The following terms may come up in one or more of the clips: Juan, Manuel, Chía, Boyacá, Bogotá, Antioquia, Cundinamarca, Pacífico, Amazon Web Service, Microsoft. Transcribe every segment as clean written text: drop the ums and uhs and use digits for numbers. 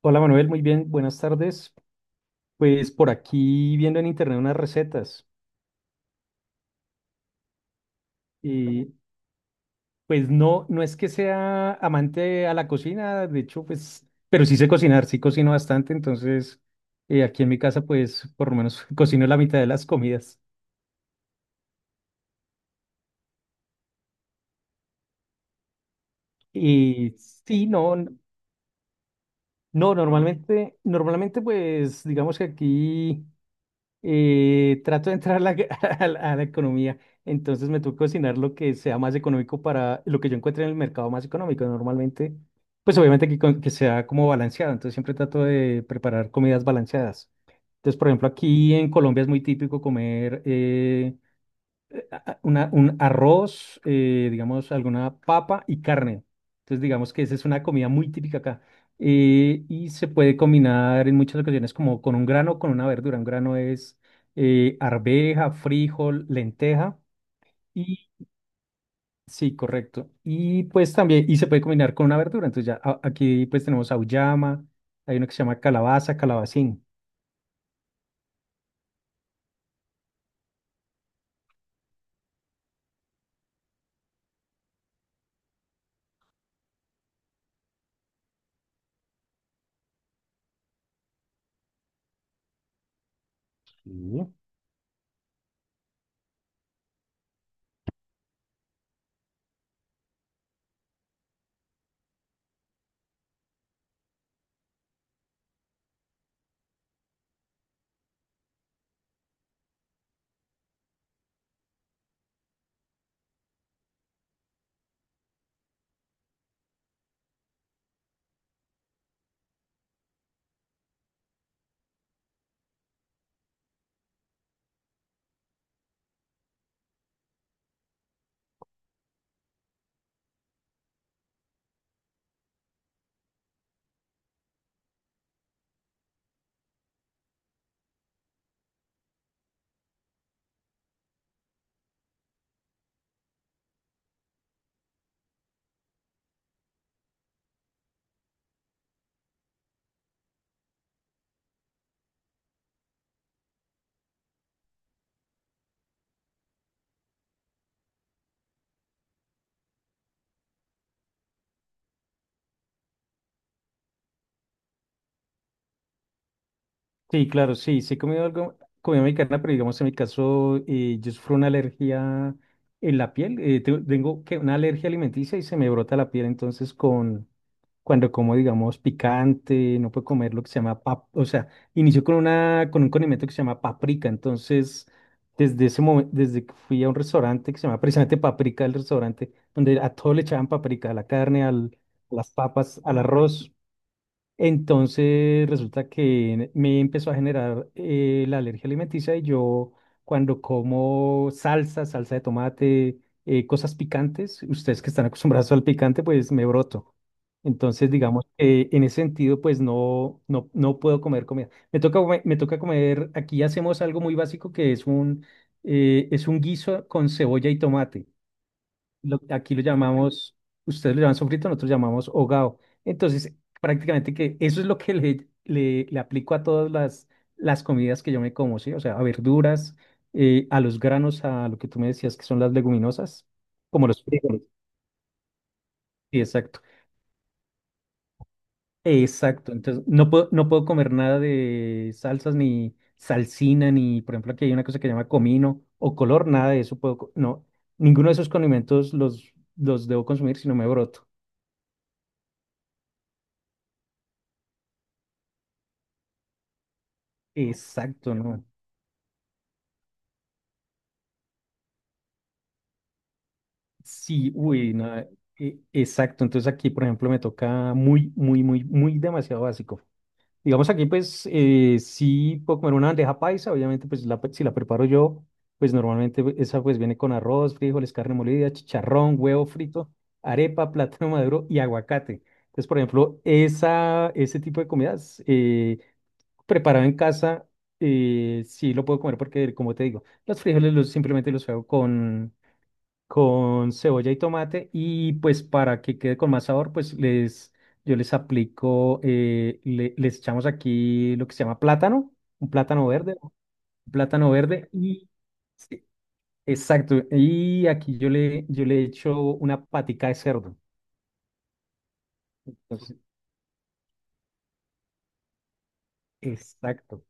Hola Manuel, muy bien, buenas tardes. Pues por aquí viendo en internet unas recetas y pues no, no es que sea amante a la cocina, de hecho pues, pero sí sé cocinar, sí cocino bastante, entonces aquí en mi casa pues por lo menos cocino la mitad de las comidas. Y sí, no, no, no, normalmente pues digamos que aquí trato de entrar a la, a la economía, entonces me toca cocinar lo que sea más económico para lo que yo encuentre en el mercado más económico. Normalmente, pues obviamente que, que sea como balanceado, entonces siempre trato de preparar comidas balanceadas. Entonces, por ejemplo, aquí en Colombia es muy típico comer un arroz, digamos, alguna papa y carne. Entonces, digamos que esa es una comida muy típica acá. Y se puede combinar en muchas ocasiones como con un grano o con una verdura. Un grano es arveja, frijol, lenteja. Y sí, correcto. Y pues también, y se puede combinar con una verdura. Entonces ya aquí pues tenemos auyama, hay uno que se llama calabaza, calabacín. Sí, claro, sí, sí he comido algo, comida mexicana, pero digamos en mi caso, yo sufro una alergia en la piel, tengo que una alergia alimenticia y se me brota la piel, entonces cuando como, digamos, picante, no puedo comer lo que se llama, pap o sea, inició con un condimento que se llama paprika, entonces, desde ese momento, desde que fui a un restaurante que se llama precisamente paprika, el restaurante, donde a todo le echaban paprika, a la carne, a las papas, al arroz, entonces resulta que me empezó a generar la alergia alimenticia y yo cuando como salsa, salsa de tomate, cosas picantes, ustedes que están acostumbrados al picante, pues me broto. Entonces digamos que en ese sentido pues no, no, no puedo comer comida. Me toca, me toca comer, aquí hacemos algo muy básico que es un, es un guiso con cebolla y tomate aquí lo llamamos, ustedes lo llaman sofrito, nosotros lo llamamos hogao. Entonces, prácticamente que eso es lo que le aplico a todas las comidas que yo me como, ¿sí? O sea, a verduras, a los granos, a lo que tú me decías que son las leguminosas, como los frijoles. Sí, exacto. Exacto. Entonces, no puedo comer nada de salsas, ni salsina, ni, por ejemplo, aquí hay una cosa que se llama comino o color, nada de eso puedo, no, ninguno de esos condimentos los debo consumir si no me broto. Exacto, ¿no? Sí, uy, no, exacto. Entonces aquí, por ejemplo, me toca muy, muy, muy, muy demasiado básico. Digamos aquí, pues, sí puedo comer una bandeja paisa, obviamente, pues, si la preparo yo, pues, normalmente pues, esa, pues, viene con arroz, frijoles, carne molida, chicharrón, huevo frito, arepa, plátano maduro y aguacate. Entonces, por ejemplo, ese tipo de comidas preparado en casa, sí lo puedo comer porque, como te digo, los frijoles simplemente los hago con cebolla y tomate y pues para que quede con más sabor, pues yo les aplico, les echamos aquí lo que se llama plátano, un plátano verde, un plátano verde y sí, exacto, y aquí yo le echo una patica de cerdo. Entonces, exacto,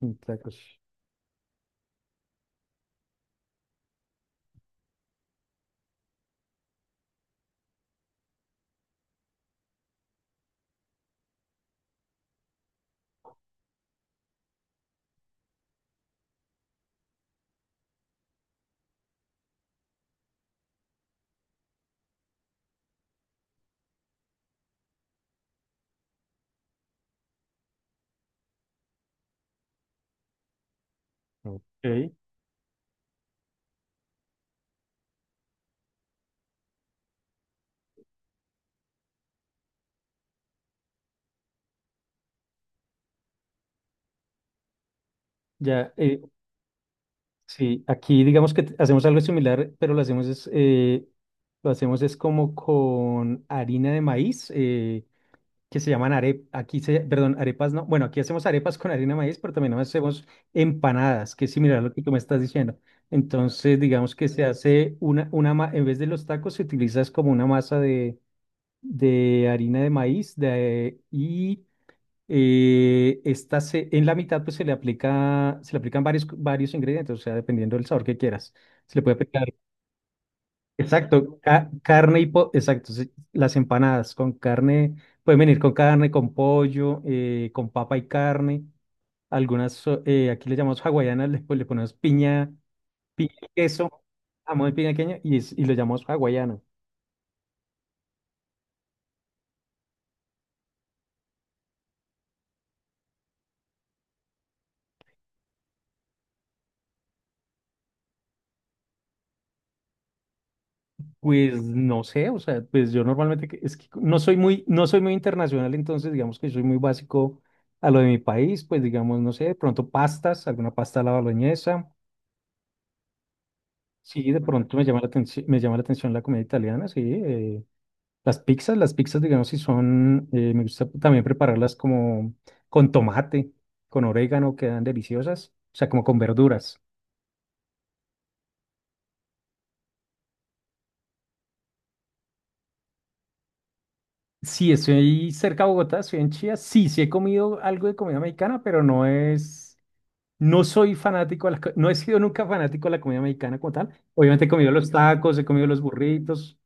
exacto. Ok. Ya, sí, aquí digamos que hacemos algo similar, pero lo hacemos es como con harina de maíz. Que se llaman arepas, aquí perdón, arepas no, bueno, aquí hacemos arepas con harina de maíz, pero también hacemos empanadas, que es similar a lo que tú me estás diciendo. Entonces, digamos que se hace una en vez de los tacos, se utiliza es como una masa de harina de maíz y esta en la mitad pues se le aplican varios ingredientes, o sea, dependiendo del sabor que quieras. Se le puede aplicar. Exacto, carne y exacto, sí, las empanadas con carne, pueden venir con carne, con pollo, con papa y carne, aquí le llamamos hawaianas, le ponemos piña, piña y queso, jamón y piña queña, y lo llamamos hawaiano. Pues no sé, o sea, pues yo normalmente, es que no soy muy internacional, entonces digamos que soy muy básico a lo de mi país, pues digamos, no sé, de pronto pastas, alguna pasta a la boloñesa. Sí, de pronto me llama la atención, me llama la atención la comida italiana, sí. Las pizzas, digamos, si son, me gusta también prepararlas como con tomate, con orégano, quedan deliciosas, o sea, como con verduras. Sí, estoy cerca de Bogotá, estoy en Chía, sí, sí he comido algo de comida mexicana, pero no es. No soy fanático, no he sido nunca fanático de la comida mexicana como tal. Obviamente he comido los tacos, he comido los burritos.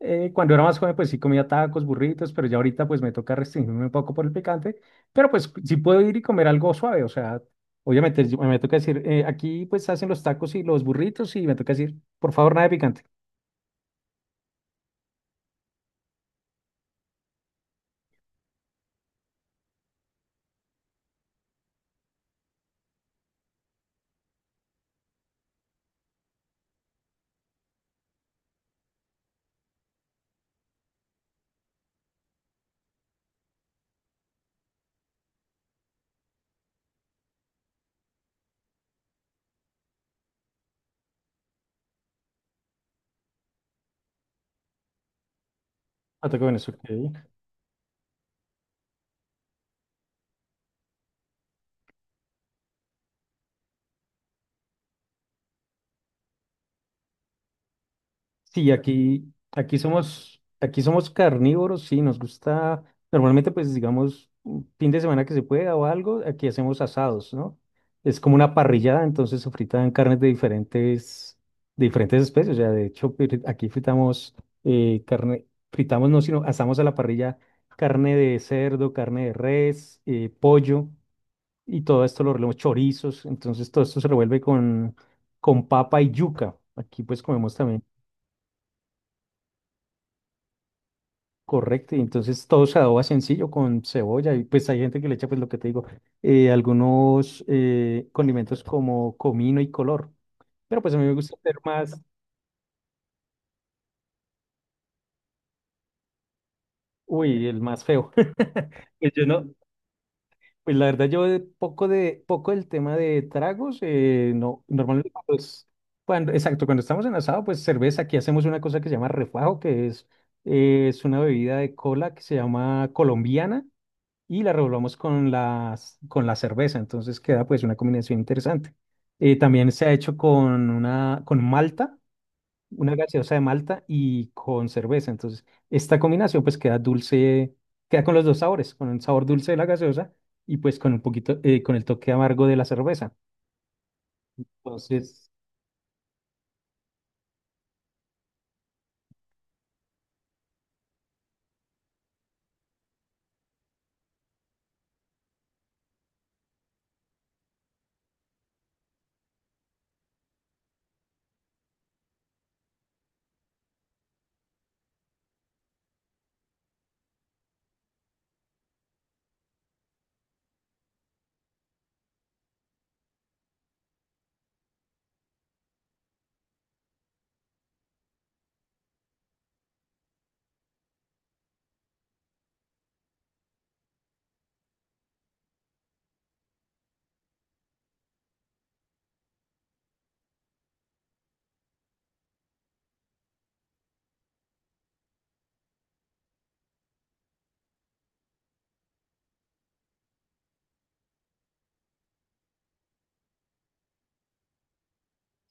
Cuando era más joven, pues sí comía tacos, burritos, pero ya ahorita pues me toca restringirme un poco por el picante. Pero pues sí puedo ir y comer algo suave, o sea, obviamente me toca decir, aquí pues hacen los tacos y los burritos y me toca decir, por favor, nada de picante. Ah, toca Venezuela. Sí, aquí somos carnívoros, sí, nos gusta, normalmente pues digamos, un fin de semana que se pueda o algo, aquí hacemos asados, ¿no? Es como una parrillada, entonces se fritan carnes de diferentes, especies, o sea, de hecho aquí fritamos carne, fritamos no, sino asamos a la parrilla carne de cerdo, carne de res, pollo, y todo esto lo revolvemos, chorizos, entonces todo esto se revuelve con papa y yuca, aquí pues comemos también. Correcto, y entonces todo se adoba sencillo con cebolla y pues hay gente que le echa pues lo que te digo, algunos condimentos como comino y color, pero pues a mí me gusta hacer más. Uy, el más feo. Pues yo no, pues la verdad yo de poco del tema de tragos, no, normalmente exacto, cuando estamos en asado, pues cerveza, aquí hacemos una cosa que se llama refajo, que es una bebida de cola que se llama colombiana y la revolvamos con la cerveza. Entonces queda pues una combinación interesante. También se ha hecho con malta, una gaseosa de malta y con cerveza. Entonces esta combinación pues queda dulce, queda con los dos sabores, con el sabor dulce de la gaseosa y pues con un poquito, con el toque amargo de la cerveza. Entonces.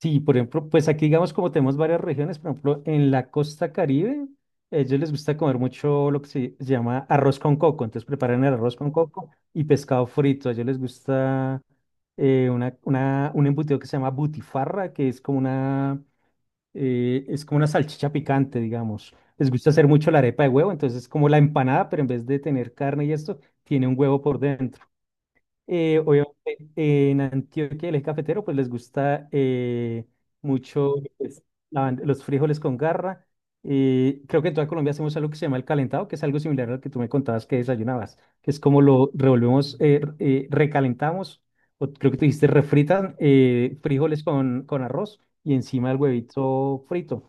Sí, por ejemplo, pues aquí digamos como tenemos varias regiones, por ejemplo, en la costa Caribe, a ellos les gusta comer mucho lo que se llama arroz con coco, entonces preparan el arroz con coco y pescado frito, a ellos les gusta un embutido que se llama butifarra, que es es como una salchicha picante, digamos. Les gusta hacer mucho la arepa de huevo, entonces es como la empanada, pero en vez de tener carne y esto, tiene un huevo por dentro. Obviamente, en Antioquia, el eje cafetero, pues les gusta mucho pues, los frijoles con garra. Creo que en toda Colombia hacemos algo que se llama el calentado, que es algo similar al que tú me contabas que desayunabas, que es como lo revolvemos, recalentamos, o creo que tú dijiste refritan frijoles con arroz y encima el huevito frito.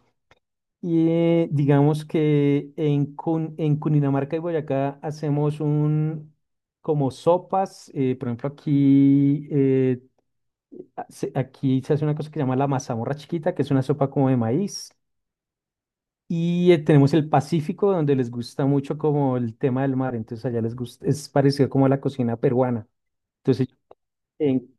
Y digamos que en Cundinamarca y Boyacá hacemos un como sopas. Por ejemplo, aquí se hace una cosa que se llama la mazamorra chiquita, que es una sopa como de maíz. Y tenemos el Pacífico, donde les gusta mucho como el tema del mar. Entonces allá les gusta, es parecido como a la cocina peruana. Entonces en,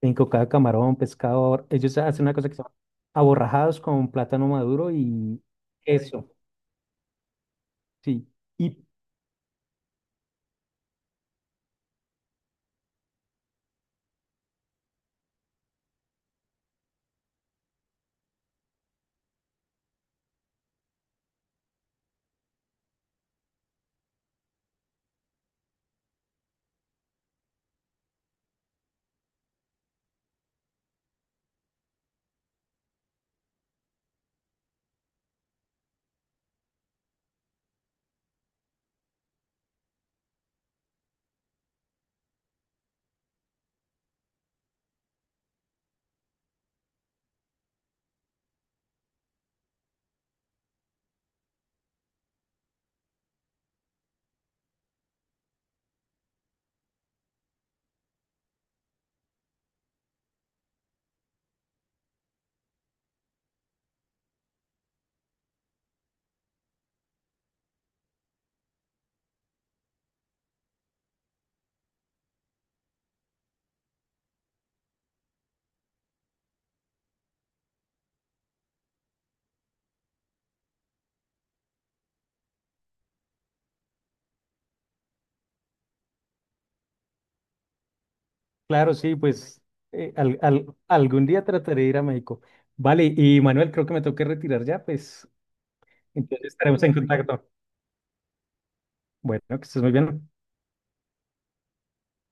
en cocada, camarón, pescador, ellos hacen una cosa que se llama aborrajados con plátano maduro y eso. Sí. Claro, sí, pues algún día trataré de ir a México. Vale, y Manuel, creo que me tengo que retirar ya, pues entonces estaremos en contacto. Bueno, que estés muy bien.